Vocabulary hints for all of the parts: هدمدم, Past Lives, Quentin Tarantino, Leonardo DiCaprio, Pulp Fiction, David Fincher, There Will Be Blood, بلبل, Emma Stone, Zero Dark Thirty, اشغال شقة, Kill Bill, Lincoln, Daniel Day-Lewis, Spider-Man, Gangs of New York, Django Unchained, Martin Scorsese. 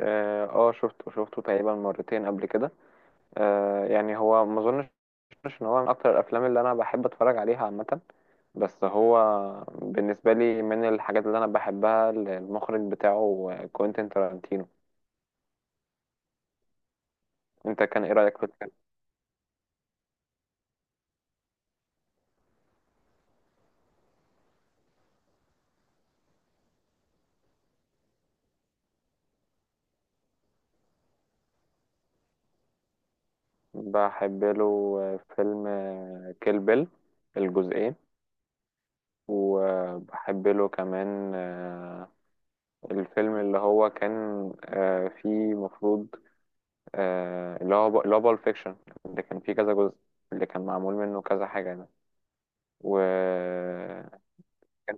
شفته تقريبا مرتين قبل كده. يعني هو ما اظنش ان هو من اكتر الافلام اللي انا بحب اتفرج عليها عامه. بس هو بالنسبه لي من الحاجات اللي انا بحبها المخرج بتاعه، كوينتين تارانتينو. انت كان ايه رايك في الفيلم؟ بحب له فيلم كيل بيل الجزئين، وبحب له كمان الفيلم اللي هو كان، فيه مفروض، اللي هو بالب فيكشن، اللي كان فيه كذا جزء، اللي كان معمول منه كذا حاجة ده. وكان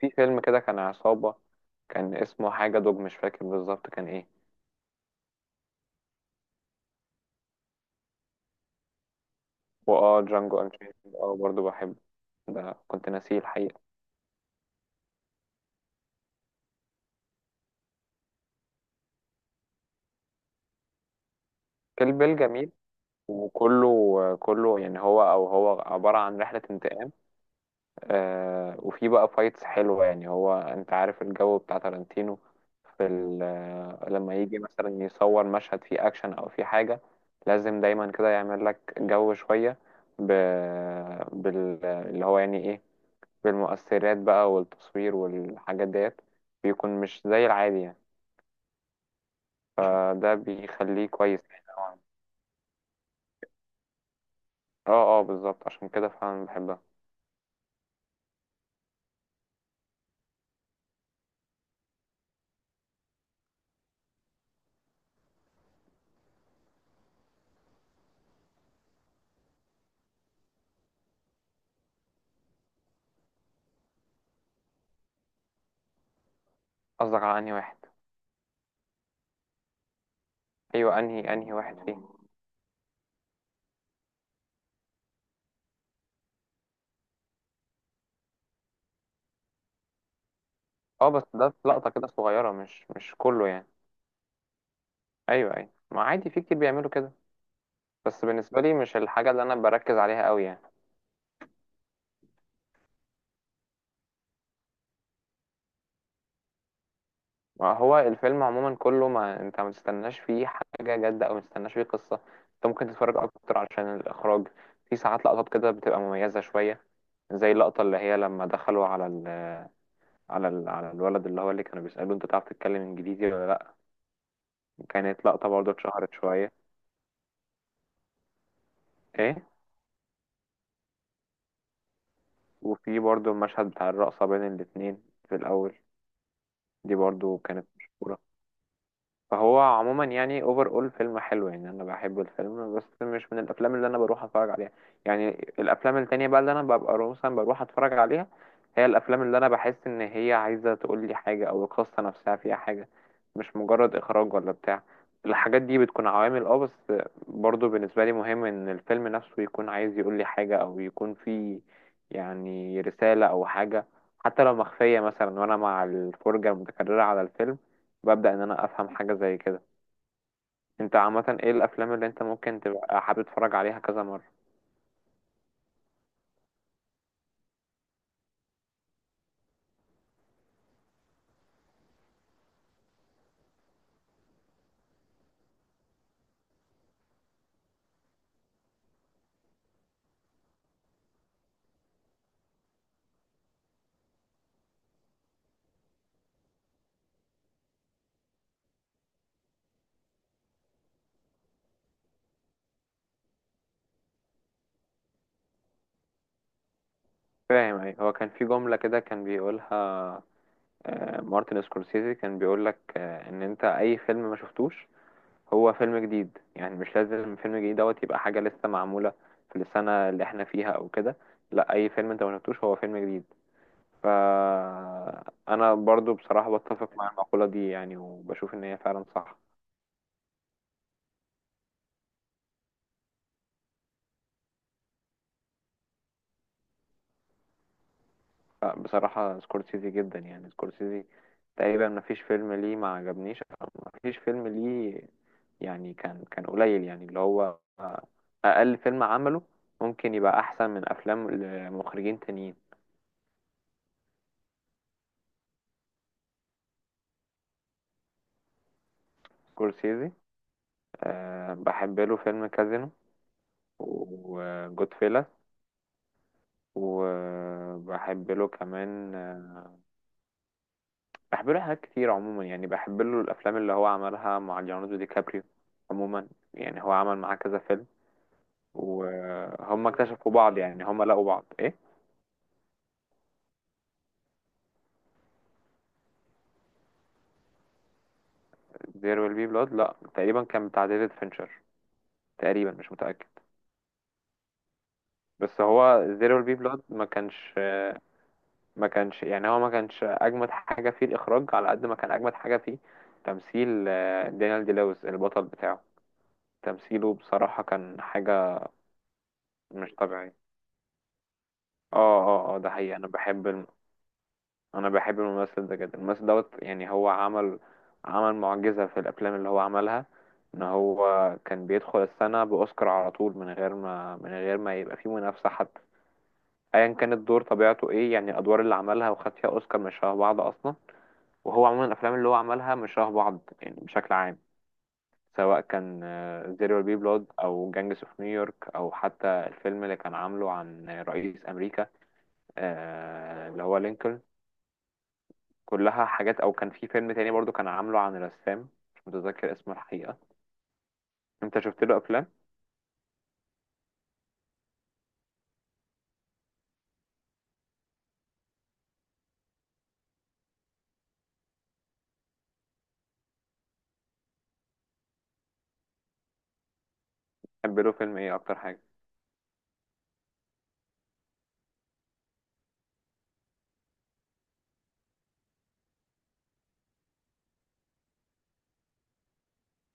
في فيلم كده كان عصابة، كان اسمه حاجة دوج، مش فاكر بالظبط كان ايه. واه، جانجو انشيند اه برضو بحبه، ده كنت ناسيه الحقيقة. كيل بيل جميل، وكله يعني هو او هو عبارة عن رحلة انتقام. آه، وفي بقى فايتس حلوة، يعني هو انت عارف الجو بتاع تارانتينو. في ال- آه، لما يجي مثلا يصور مشهد فيه اكشن او فيه حاجة، لازم دايما كده يعمل لك جو شوية ب... بال... اللي هو يعني ايه بالمؤثرات بقى والتصوير والحاجات ديت. بيكون مش زي العادي يعني، فده بيخليه كويس يعني. اه اه، بالظبط، عشان كده فعلا بحبها. قصدك على انهي واحد؟ ايوه، انهي واحد فيه؟ اه، بس ده في لقطة كده صغيرة، مش كله يعني. ايوه ايوه، ما عادي، في كتير بيعملوا كده. بس بالنسبه لي مش الحاجه اللي انا بركز عليها قوي يعني. ما هو الفيلم عموما كله ما انت ما تستناش فيه حاجه جادة او ما تستناش فيه قصه. انت ممكن تتفرج اكتر علشان الاخراج. في ساعات لقطات كده بتبقى مميزه شويه، زي اللقطه اللي هي لما دخلوا على الولد اللي هو اللي كانوا بيسالوه انت تعرف تتكلم انجليزي ولا لا. كانت لقطه برضو اتشهرت شويه. ايه. وفي برضو المشهد بتاع الرقصه بين الاتنين في الاول، دي برضو كانت مشهوره. فهو عموما يعني اوفر اول فيلم حلو، يعني انا بحب الفيلم بس مش من الافلام اللي انا بروح اتفرج عليها يعني. الافلام التانية بقى اللي انا ببقى مثلا بروح اتفرج عليها هي الافلام اللي انا بحس ان هي عايزة تقول لي حاجة او القصة نفسها فيها حاجة، مش مجرد اخراج ولا بتاع. الحاجات دي بتكون عوامل اه، بس برضو بالنسبة لي مهم ان الفيلم نفسه يكون عايز يقول لي حاجة او يكون فيه يعني رسالة او حاجة، حتى لو مخفية مثلا، وانا مع الفرجة المتكررة على الفيلم ببدأ ان انا افهم حاجة زي كده. انت عامة ايه الافلام اللي انت ممكن تبقى حابب تتفرج عليها كذا مرة؟ فاهم. ايه هو كان في جملة كده كان بيقولها، مارتن سكورسيزي، كان بيقولك ان انت اي فيلم ما شفتوش هو فيلم جديد. يعني مش لازم فيلم جديد دوت يبقى حاجة لسه معمولة في السنة اللي احنا فيها او كده، لا، اي فيلم انت ما شفتوش هو فيلم جديد. فانا برضو بصراحة بتفق مع المقولة دي يعني، وبشوف ان هي فعلا صح. لا، بصراحة سكورسيزي جدا، يعني سكورسيزي تقريبا ما فيش فيلم ليه ما عجبنيش أو ما فيش فيلم ليه، يعني كان قليل، يعني اللي هو أقل فيلم عمله ممكن يبقى أحسن من أفلام لمخرجين تانيين. سكورسيزي، أه، بحب له فيلم كازينو، وجود فيلا، وبحب له كمان بحب له حاجات كتير عموما. يعني بحب له الأفلام اللي هو عملها مع ليوناردو دي كابريو عموما. يعني هو عمل معاه كذا فيلم، وهم اكتشفوا بعض يعني، هم لقوا بعض ايه. There will be blood، لا تقريبا كان بتاع ديفيد فينشر تقريبا، مش متأكد. بس هو There will be blood ما كانش، ما كانش يعني هو ما كانش اجمد حاجة فيه الاخراج على قد ما كان اجمد حاجة فيه تمثيل. دانيال دي لويس البطل بتاعه، تمثيله بصراحة كان حاجة مش طبيعية. اه اه اه، ده حقيقي. انا بحب الممثل ده جدا. الممثل دوت يعني هو عمل، عمل معجزة في الافلام اللي هو عملها. ان هو كان بيدخل السنة باوسكار على طول، من غير ما يبقى فيه منافسة حتى. ايا كان الدور طبيعته ايه، يعني الادوار اللي عملها وخد فيها اوسكار مش شبه بعض اصلا. وهو عموما الافلام اللي هو عملها مش شبه بعض يعني بشكل عام، سواء كان زيرو بي بلود او جانجس اوف نيويورك او حتى الفيلم اللي كان عامله عن رئيس امريكا، اللي هو لينكولن. كلها حاجات. او كان في فيلم تاني برضو كان عامله عن رسام، مش متذكر اسمه الحقيقة. انت شفت له افلام؟ تحب له فيلم ايه اكتر حاجة؟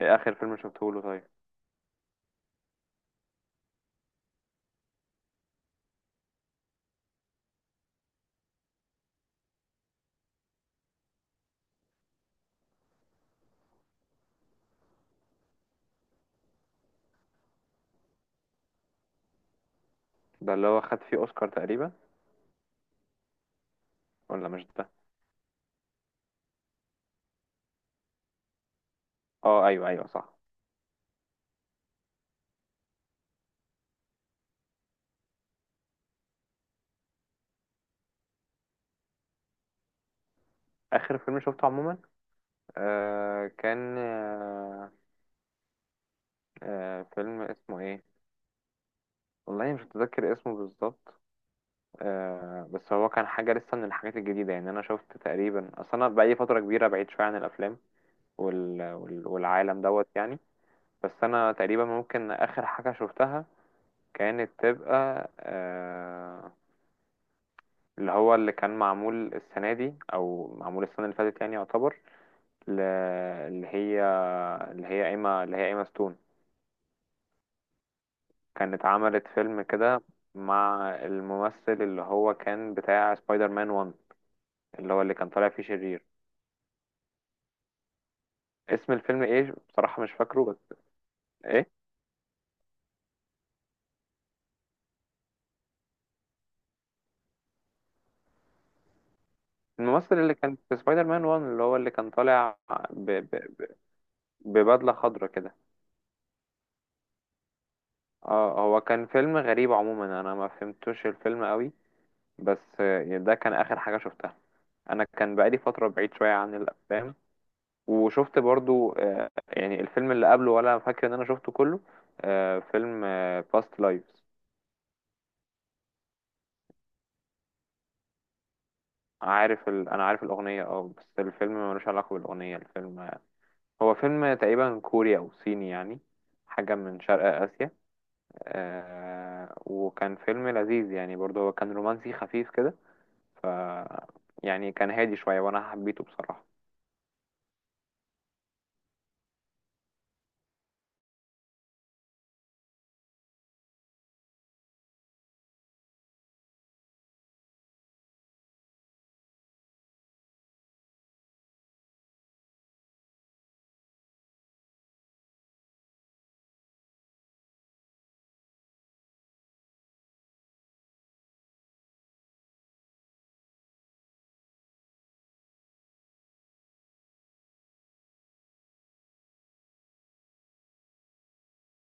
ايه اخر فيلم شفته له طيب؟ ده اللي هو خد فيه اوسكار تقريبا؟ ولا مش ده؟ اه ايوه ايوه صح. اخر فيلم شفته عموما، آه كان، آه آه فيلم اسمه ايه، والله مش متذكر اسمه بالظبط. آه، بس هو كان حاجة لسه من الحاجات الجديدة يعني. أنا شفت تقريبا، أصل أنا بقالي فترة كبيرة بعيد شوية عن الأفلام والعالم دوت يعني. بس انا تقريبا ممكن اخر حاجة شفتها كانت تبقى آه، اللي هو اللي كان معمول السنة دي او معمول السنة اللي فاتت يعني يعتبر، ل- اللي هي ايما ستون، كانت عملت فيلم كده مع الممثل اللي هو كان بتاع سبايدر مان 1، اللي هو اللي كان طالع فيه شرير. اسم الفيلم ايه بصراحة مش فاكره، بس ايه، الممثل اللي كان في سبايدر مان 1 اللي هو اللي كان طالع ب... ب... ببدلة خضراء كده. اه، هو كان فيلم غريب عموما، انا ما فهمتوش الفيلم قوي. بس آه، ده كان اخر حاجة شفتها. انا كان بقالي فترة بعيد شوية عن الافلام. وشفت برضو يعني الفيلم اللي قبله، ولا فاكر ان انا شفته كله، فيلم باست لايفز. عارف انا عارف الاغنية اه، بس الفيلم ملوش علاقة بالاغنية. الفيلم هو فيلم تقريبا كوري او صيني يعني، حاجة من شرق اسيا. آه، وكان فيلم لذيذ يعني برضو، هو كان رومانسي خفيف كده. ف يعني كان هادي شوية وأنا حبيته بصراحة.